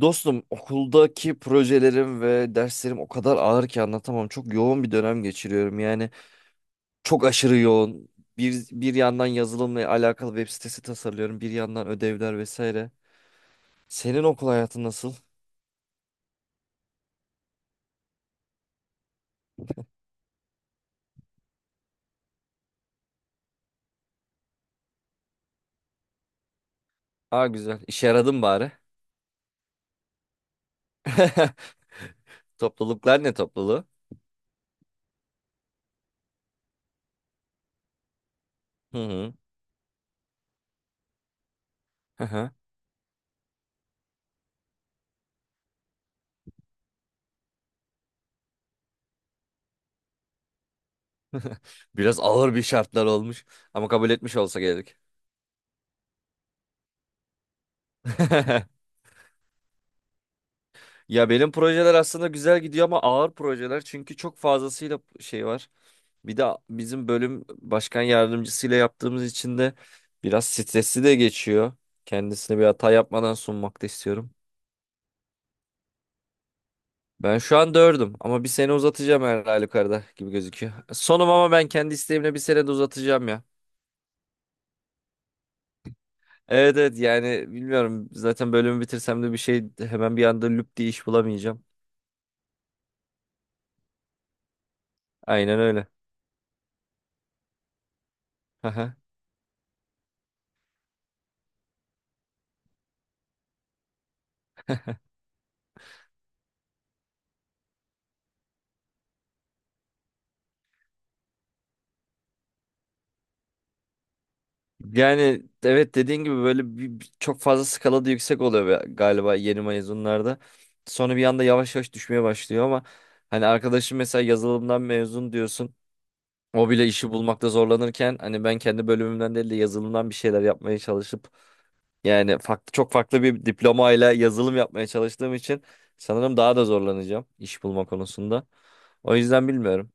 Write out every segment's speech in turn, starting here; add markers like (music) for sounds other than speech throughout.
Dostum okuldaki projelerim ve derslerim o kadar ağır ki anlatamam. Çok yoğun bir dönem geçiriyorum. Yani çok aşırı yoğun. Bir yandan yazılımla alakalı web sitesi tasarlıyorum. Bir yandan ödevler vesaire. Senin okul hayatın nasıl? Aa, güzel. İşe yaradın bari. (laughs) Topluluklar ne topluluğu? Hı hı. Hı hı. Biraz ağır bir şartlar olmuş ama kabul etmiş olsa gerek. (laughs) Ya, benim projeler aslında güzel gidiyor ama ağır projeler çünkü çok fazlasıyla şey var. Bir de bizim bölüm başkan yardımcısıyla yaptığımız için de biraz stresli de geçiyor. Kendisine bir hata yapmadan sunmak da istiyorum. Ben şu an dördüm ama bir sene uzatacağım her halükarda gibi gözüküyor. Sonum ama ben kendi isteğimle bir sene de uzatacağım ya. Evet, evet, yani bilmiyorum, zaten bölümü bitirsem de bir şey hemen bir anda lüp diye iş bulamayacağım. Aynen öyle. (laughs) Yani evet, dediğin gibi böyle çok fazla skalada yüksek oluyor galiba yeni mezunlarda. Sonra bir anda yavaş yavaş düşmeye başlıyor ama hani arkadaşım mesela yazılımdan mezun diyorsun. O bile işi bulmakta zorlanırken hani ben kendi bölümümden değil de yazılımdan bir şeyler yapmaya çalışıp yani farklı çok farklı bir diplomayla yazılım yapmaya çalıştığım için sanırım daha da zorlanacağım iş bulma konusunda. O yüzden bilmiyorum.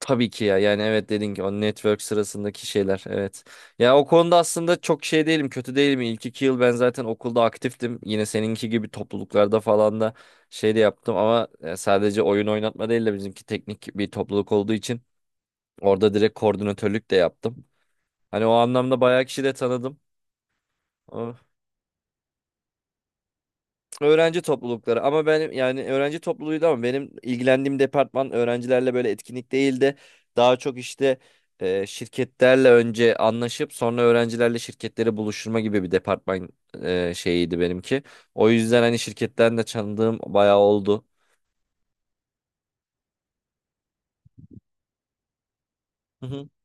Tabii ki ya, yani evet, dedin ki o network sırasındaki şeyler, evet. Ya o konuda aslında çok şey değilim, kötü değilim. İlk 2 yıl ben zaten okulda aktiftim. Yine seninki gibi topluluklarda falan da şey de yaptım ama sadece oyun oynatma değil de bizimki teknik bir topluluk olduğu için orada direkt koordinatörlük de yaptım. Hani o anlamda bayağı kişi de tanıdım. Öğrenci toplulukları ama benim, yani öğrenci topluluğuydu ama benim ilgilendiğim departman öğrencilerle böyle etkinlik değildi. Daha çok işte şirketlerle önce anlaşıp sonra öğrencilerle şirketleri buluşturma gibi bir departman şeyiydi benimki. O yüzden hani şirketten de tanıdığım bayağı oldu. (laughs)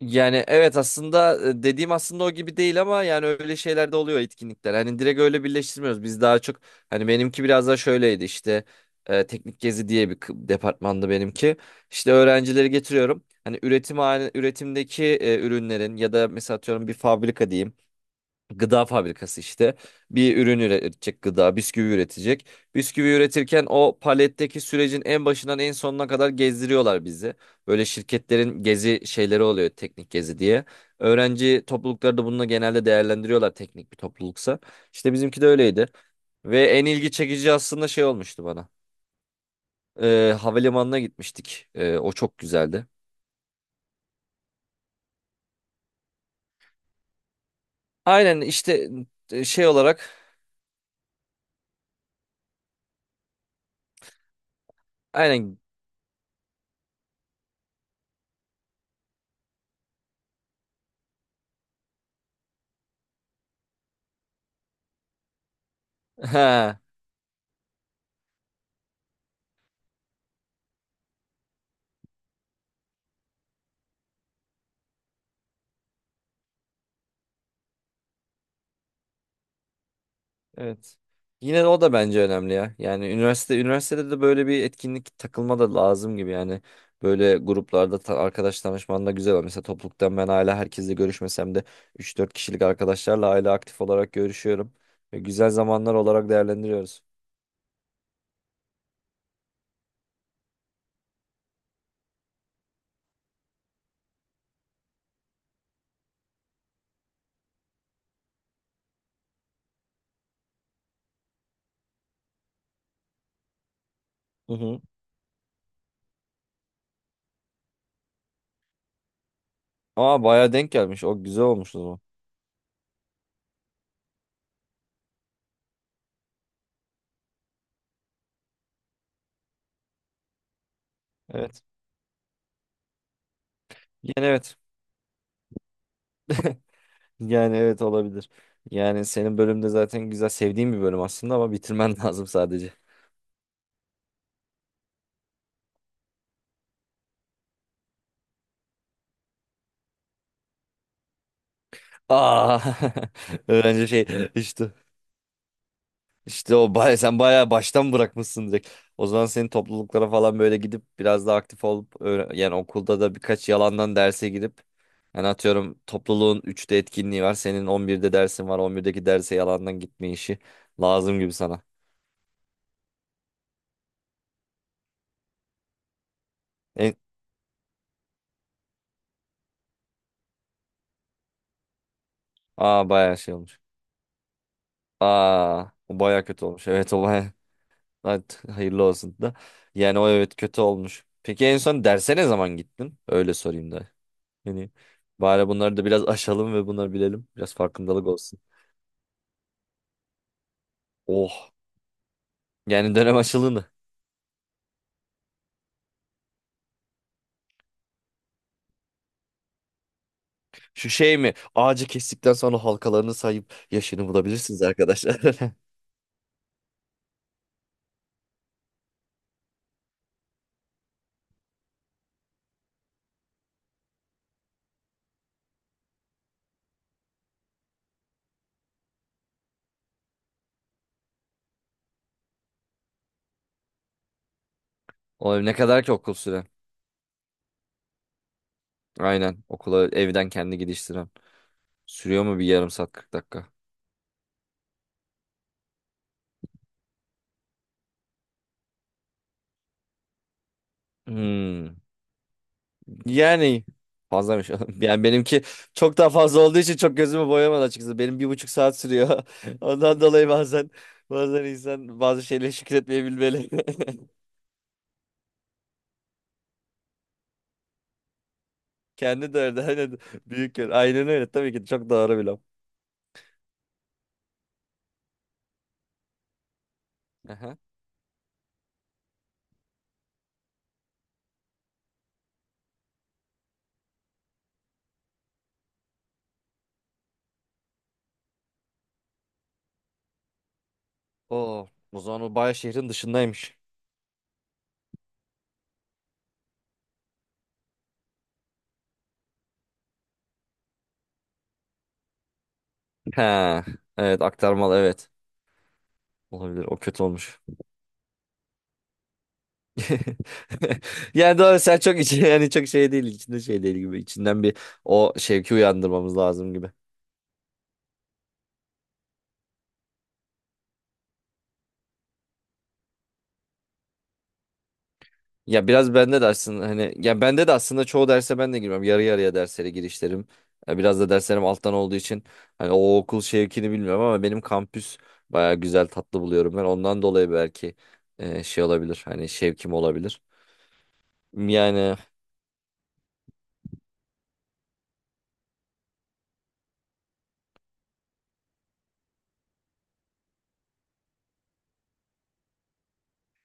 Yani evet, aslında dediğim aslında o gibi değil ama yani öyle şeyler de oluyor etkinlikler. Hani direkt öyle birleştirmiyoruz. Biz daha çok hani benimki biraz daha şöyleydi işte teknik gezi diye departmandı benimki. İşte öğrencileri getiriyorum. Hani üretimdeki ürünlerin ya da mesela atıyorum bir fabrika diyeyim, gıda fabrikası işte, bir ürün üretecek, gıda, bisküvi üretecek. Bisküvi üretirken o paletteki sürecin en başından en sonuna kadar gezdiriyorlar bizi. Böyle şirketlerin gezi şeyleri oluyor, teknik gezi diye. Öğrenci toplulukları da bununla genelde değerlendiriyorlar, teknik bir topluluksa. İşte bizimki de öyleydi ve en ilgi çekici aslında şey olmuştu bana. Havalimanına gitmiştik. O çok güzeldi. Aynen işte, şey olarak. Aynen. (laughs) Evet. Yine de o da bence önemli ya. Yani üniversitede de böyle bir etkinlik takılma da lazım gibi yani. Böyle gruplarda arkadaş tanışman da güzel. Var. Mesela topluluktan ben hala herkesle görüşmesem de 3-4 kişilik arkadaşlarla hala aktif olarak görüşüyorum. Ve güzel zamanlar olarak değerlendiriyoruz. Hı hı. Aa, bayağı denk gelmiş. O güzel olmuş o zaman. Evet. Yani evet. Yani evet, olabilir. Yani senin bölümde zaten güzel, sevdiğim bir bölüm aslında ama bitirmen (laughs) lazım sadece. Aa. (laughs) Öğrenci şey işte. İşte o baya, (laughs) sen bayağı baştan bırakmışsın direkt. O zaman senin topluluklara falan böyle gidip biraz daha aktif olup yani okulda da birkaç yalandan derse gidip yani atıyorum topluluğun 3'te etkinliği var. Senin 11'de dersin var. 11'deki derse yalandan gitme işi lazım gibi sana. En, aa, bayağı şey olmuş. Aa, o bayağı kötü olmuş. (laughs) Evet, o bayağı. Evet, hayırlı olsun da. Yani o, evet, kötü olmuş. Peki en son derse ne zaman gittin? Öyle sorayım da. Yani bari bunları da biraz aşalım ve bunları bilelim. Biraz farkındalık olsun. Oh. Yani dönem aşılığını. Şu şey mi? Ağacı kestikten sonra halkalarını sayıp yaşını bulabilirsiniz arkadaşlar. (laughs) Oğlum ne kadar ki okul süren. Aynen. Okula evden kendi gidiş süren. Sürüyor mu bir yarım saat 40 dakika? Hmm. Yani fazlamış. (laughs) Yani benimki çok daha fazla olduğu için çok gözümü boyamadı açıkçası. Benim 1,5 saat sürüyor. (laughs) Ondan dolayı bazen insan bazı şeyleri şükretmeyebilmeli. (laughs) Kendi de öyle. Aynen. Büyük yer. Aynen öyle. Tabii ki çok doğru bir laf. Aha. Oo, o zaman o bayağı şehrin dışındaymış. Ha, evet, aktarmalı, evet. Olabilir, o kötü olmuş. (laughs) Yani doğru, sen çok içi (laughs) yani çok şey değil içinde şey değil gibi, içinden bir o şevki uyandırmamız lazım gibi. Ya biraz bende de aslında hani ya bende de aslında çoğu derse ben de girmem. Yarı yarıya derslere girişlerim. Ya biraz da derslerim alttan olduğu için hani o okul şevkini bilmiyorum ama benim kampüs baya güzel, tatlı buluyorum ben. Ondan dolayı belki şey olabilir. Hani şevkim olabilir. Yani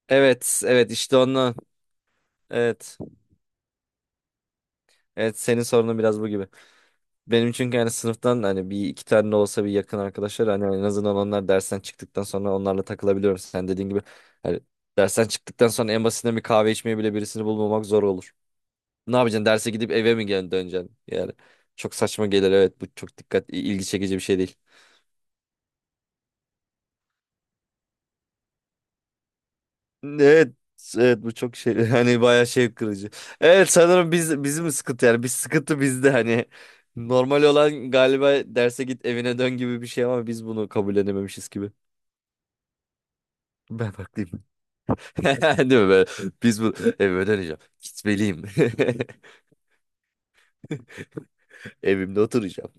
evet, evet, işte ondan. Evet. Evet, senin sorunun biraz bu gibi. Benim çünkü yani sınıftan hani bir iki tane de olsa bir yakın arkadaşlar hani en azından onlar dersten çıktıktan sonra onlarla takılabiliyorum. Sen dediğin gibi hani dersten çıktıktan sonra en basitinden bir kahve içmeye bile birisini bulmamak zor olur. Ne yapacaksın? Derse gidip eve mi gel döneceksin? Yani çok saçma gelir, evet, bu çok dikkat ilgi çekici bir şey değil. Evet, evet, bu çok şey (laughs) hani bayağı şey kırıcı. Evet sanırım biz bizim sıkıntı yani biz sıkıntı bizde hani normal olan galiba derse git evine dön gibi bir şey ama biz bunu kabullenememişiz gibi. Ben farklıyım. (laughs) Değil mi? Böyle, biz bu evime döneceğim. Gitmeliyim. (laughs) Evimde oturacağım.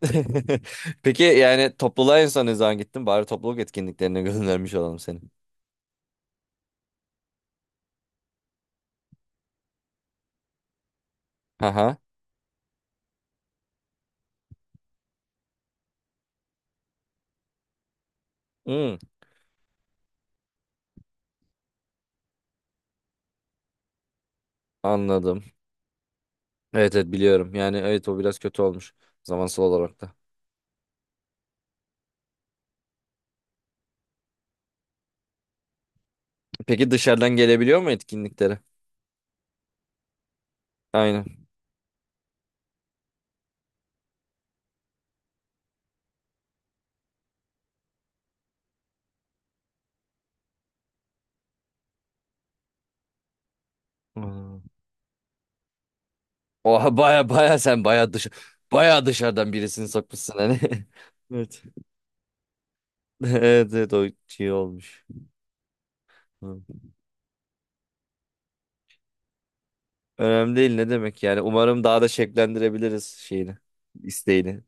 (laughs) Peki yani topluluğa en son ne zaman gittin? Bari topluluk etkinliklerine (laughs) göndermiş olalım seni. Aha. Hmm, anladım. Evet, evet, biliyorum. Yani evet, o biraz kötü olmuş. Zamansal olarak da. Peki dışarıdan gelebiliyor mu etkinliklere? Aynen. Hmm. Oha, baya sen baya dışarıdan birisini sokmuşsun hani. (laughs) Evet. (laughs) Evet, evet, o iyi olmuş. Önemli değil, ne demek yani. Umarım daha da şevklendirebiliriz şeyini, isteğini.